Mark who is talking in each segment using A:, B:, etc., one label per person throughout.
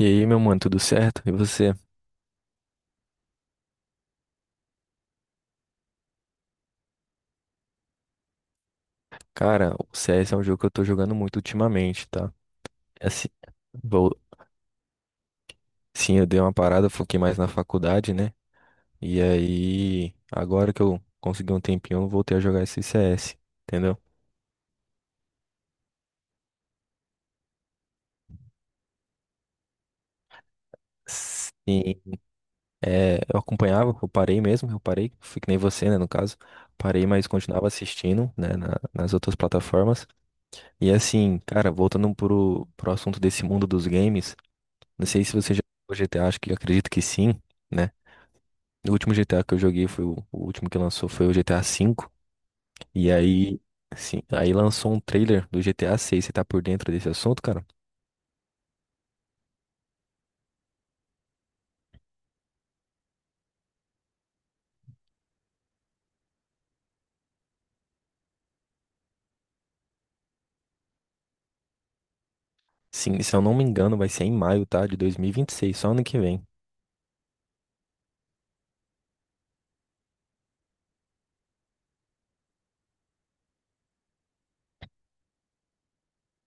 A: E aí, meu mano, tudo certo? E você? Cara, o C S é um jogo que eu tô jogando muito ultimamente, tá? Assim, vou... sim, eu dei uma parada, foquei mais na faculdade, né? E aí, agora que eu consegui um tempinho, eu voltei a jogar esse C S, entendeu? Sim, eu acompanhava, eu parei mesmo, eu parei, fui que nem você, né, no caso. Parei, mas continuava assistindo, né, nas outras plataformas. E assim, cara, voltando pro assunto desse mundo dos games, não sei se você já jogou G GTA, acho que acredito que sim. Né? O último GTA que eu joguei foi o último que lançou foi o GTA V. E aí, sim, aí lançou um trailer do GTA VI. Você tá por dentro desse assunto, cara? Sim, se eu não me engano, vai ser em maio, tá? De 2026, só ano que vem.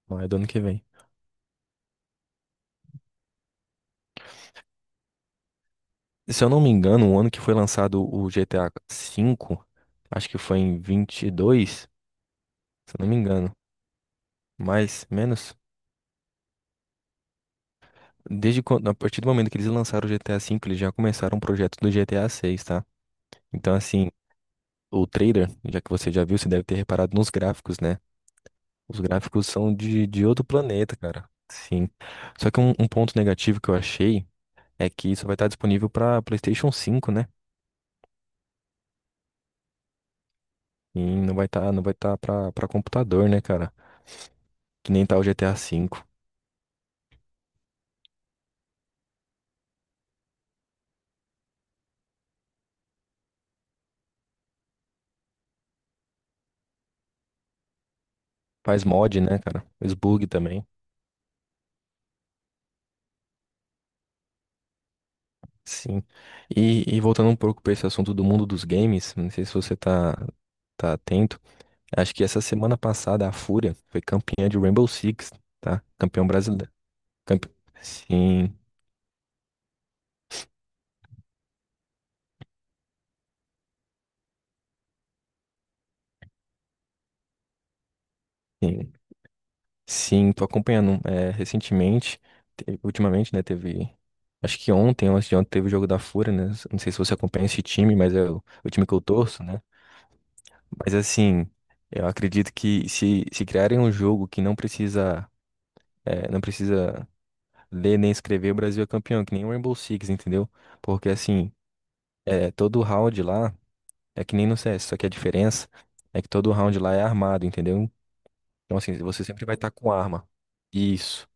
A: Maio do ano que vem. Se eu não me engano, o ano que foi lançado o GTA V, acho que foi em 22, se eu não me engano. Mais, menos. Desde quando, a partir do momento que eles lançaram o GTA V, eles já começaram o projeto do GTA VI, tá? Então, assim, o trader, já que você já viu, você deve ter reparado nos gráficos, né? Os gráficos são de outro planeta, cara. Sim. Só que um ponto negativo que eu achei é que isso vai estar disponível para PlayStation 5, né? E não vai estar para computador, né, cara? Que nem tá o GTA V. Faz mod, né, cara? Os bug também. Sim. E voltando um pouco para esse assunto do mundo dos games, não sei se você tá atento. Acho que essa semana passada a Fúria foi campeã de Rainbow Six, tá? Campeão brasileiro. Campe- Sim, sim, sim, tô acompanhando, recentemente, ultimamente, né, teve, acho que ontem, ou antes de ontem, teve o jogo da Fúria, né, não sei se você acompanha esse time, mas é o time que eu torço, né, mas assim, eu acredito que, se criarem um jogo que não precisa ler nem escrever, o Brasil é campeão, que nem o Rainbow Six, entendeu, porque assim, todo round lá, é que nem no CS, só que a diferença é que todo round lá é armado, entendeu. Então, assim, você sempre vai estar com arma. Isso.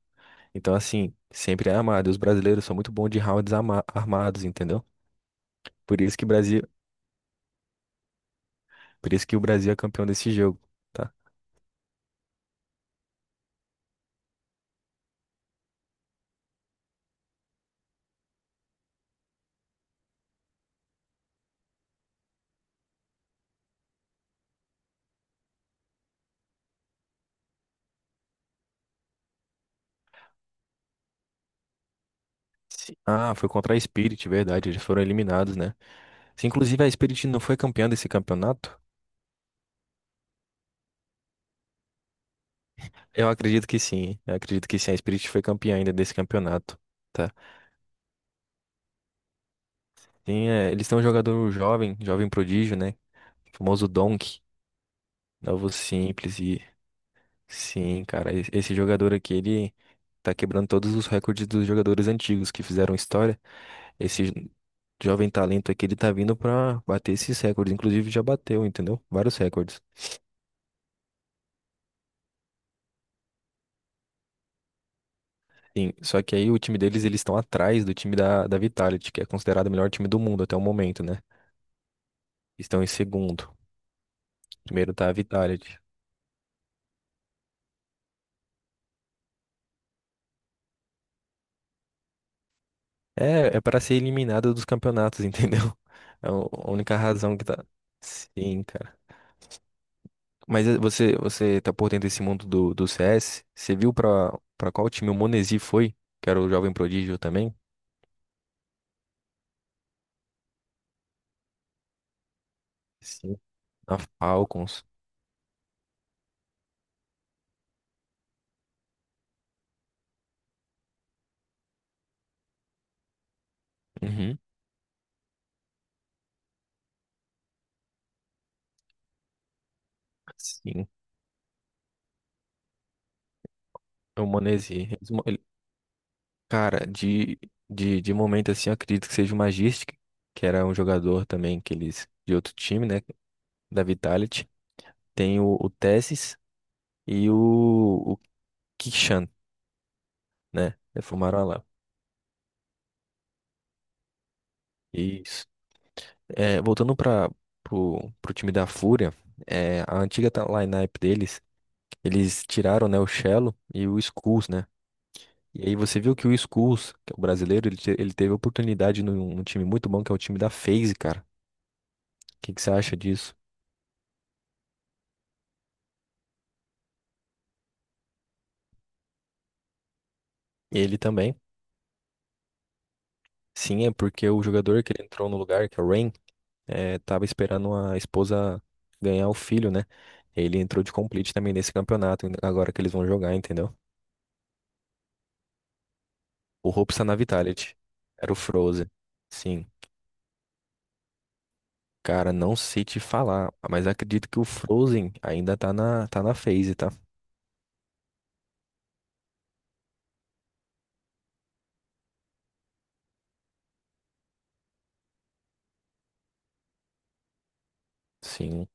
A: Então, assim, sempre é armado. E os brasileiros são muito bons de rounds armados, entendeu? Por isso que Brasil, por isso que o Brasil é campeão desse jogo. Tá? Ah, foi contra a Spirit, verdade. Eles foram eliminados, né? Se inclusive a Spirit não foi campeã desse campeonato, eu acredito que sim. Eu acredito que sim, a Spirit foi campeã ainda desse campeonato. Tá? Eles têm um jogador jovem, jovem prodígio, né? O famoso Donk, novo simples. Sim, cara, esse jogador aqui, ele tá quebrando todos os recordes dos jogadores antigos que fizeram história. Esse jovem talento aqui, ele tá vindo pra bater esses recordes, inclusive já bateu, entendeu? Vários recordes. Sim, só que aí o time deles, eles estão atrás do time da Vitality, que é considerado o melhor time do mundo até o momento, né? Estão em segundo. Primeiro tá a Vitality. É para ser eliminado dos campeonatos, entendeu? É a única razão que tá. Sim, cara. Mas você, tá por dentro desse mundo do CS? Você viu pra qual time o Monesi foi? Que era o jovem prodígio também? Sim. Na Falcons. Uhum. Sim. É o Monesi. Cara, de momento assim, eu acredito que seja o Magistic, que era um jogador também que eles, de outro time, né? Da Vitality. Tem o Tessis e o Kishan, né? Reformaram lá. Isso. É, voltando pro time da Fúria, é, a antiga up deles, eles tiraram, né, o Chelo e o Skulls, né? E aí você viu que o Skulls, que é o brasileiro, ele teve oportunidade num time muito bom, que é o time da FaZe, cara. O que, que você acha disso? Ele também. Sim, é porque o jogador que ele entrou no lugar, que é o Rain, tava esperando a esposa ganhar o filho, né? Ele entrou de complete também nesse campeonato, agora que eles vão jogar, entendeu? O Hope está na Vitality. Era o Frozen. Sim. Cara, não sei te falar, mas acredito que o Frozen ainda tá na phase, tá? Sim.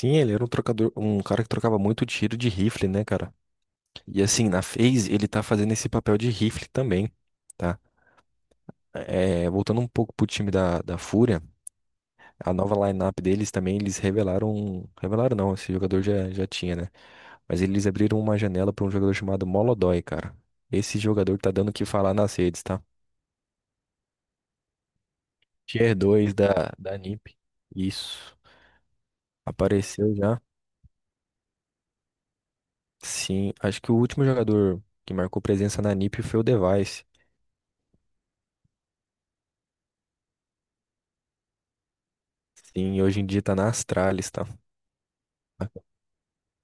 A: Sim, ele era um trocador, um cara que trocava muito tiro de rifle, né, cara? E assim, na phase ele tá fazendo esse papel de rifle também, tá? É, voltando um pouco pro time da Fúria, a nova lineup deles também, eles revelaram. Revelaram não, esse jogador já, já tinha, né? Mas eles abriram uma janela pra um jogador chamado Molodói, cara. Esse jogador tá dando o que falar nas redes, tá? Tier 2 da NiP. Isso. Apareceu já? Sim, acho que o último jogador que marcou presença na NiP foi o Device. Sim, hoje em dia tá na Astralis, tá?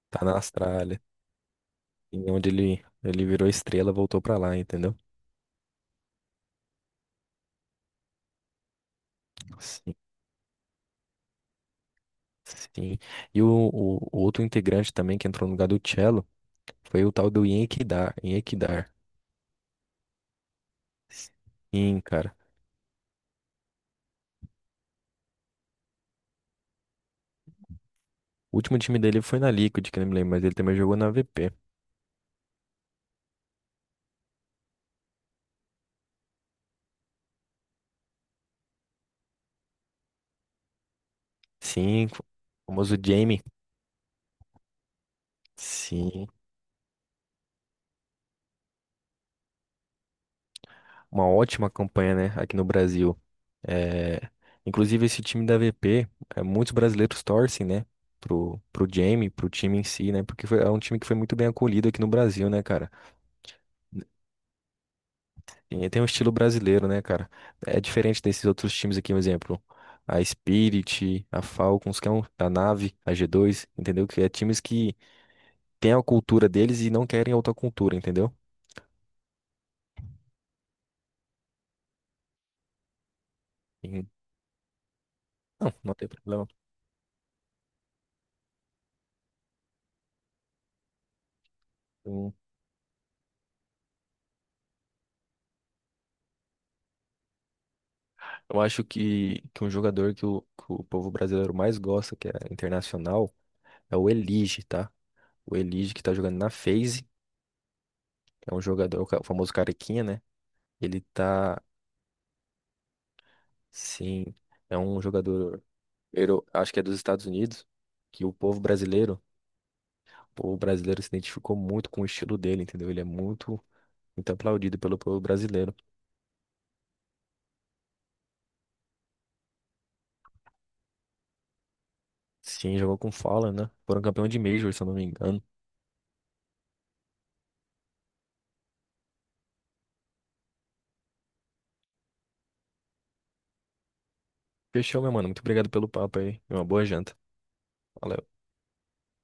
A: Tá na Astralis. Sim, onde ele virou estrela, voltou pra lá, entendeu? Sim, sim. E o outro integrante também que entrou no lugar do Cello foi o tal do Yenkedar. Yenkedar. Sim, cara. O último time dele foi na Liquid, que eu não me lembro, mas ele também jogou na VP. Sim, o famoso Jamie. Sim. Uma ótima campanha, né, aqui no Brasil. É, inclusive, esse time da VP, muitos brasileiros torcem, né, pro Jamie, pro time em si, né, porque é um time que foi muito bem acolhido aqui no Brasil, né, cara. E tem um estilo brasileiro, né, cara? É diferente desses outros times aqui, por exemplo. A Spirit, a Falcons, que é um, a Nave, a G2, entendeu? Que é times que têm a cultura deles e não querem outra cultura, entendeu? E- não, não tem problema. Eu acho que um jogador que o povo brasileiro mais gosta, que é internacional, é o Elige, tá? O Elige que tá jogando na FaZe, é um jogador, o famoso carequinha, né? Ele tá, sim, é um jogador, acho que é dos Estados Unidos, que o povo brasileiro, se identificou muito com o estilo dele, entendeu? Ele é muito, muito aplaudido pelo povo brasileiro. Sim, jogou com Fala, né? Foram campeão de Major, se eu não me engano. Fechou, meu mano. Muito obrigado pelo papo aí. Uma boa janta. Valeu.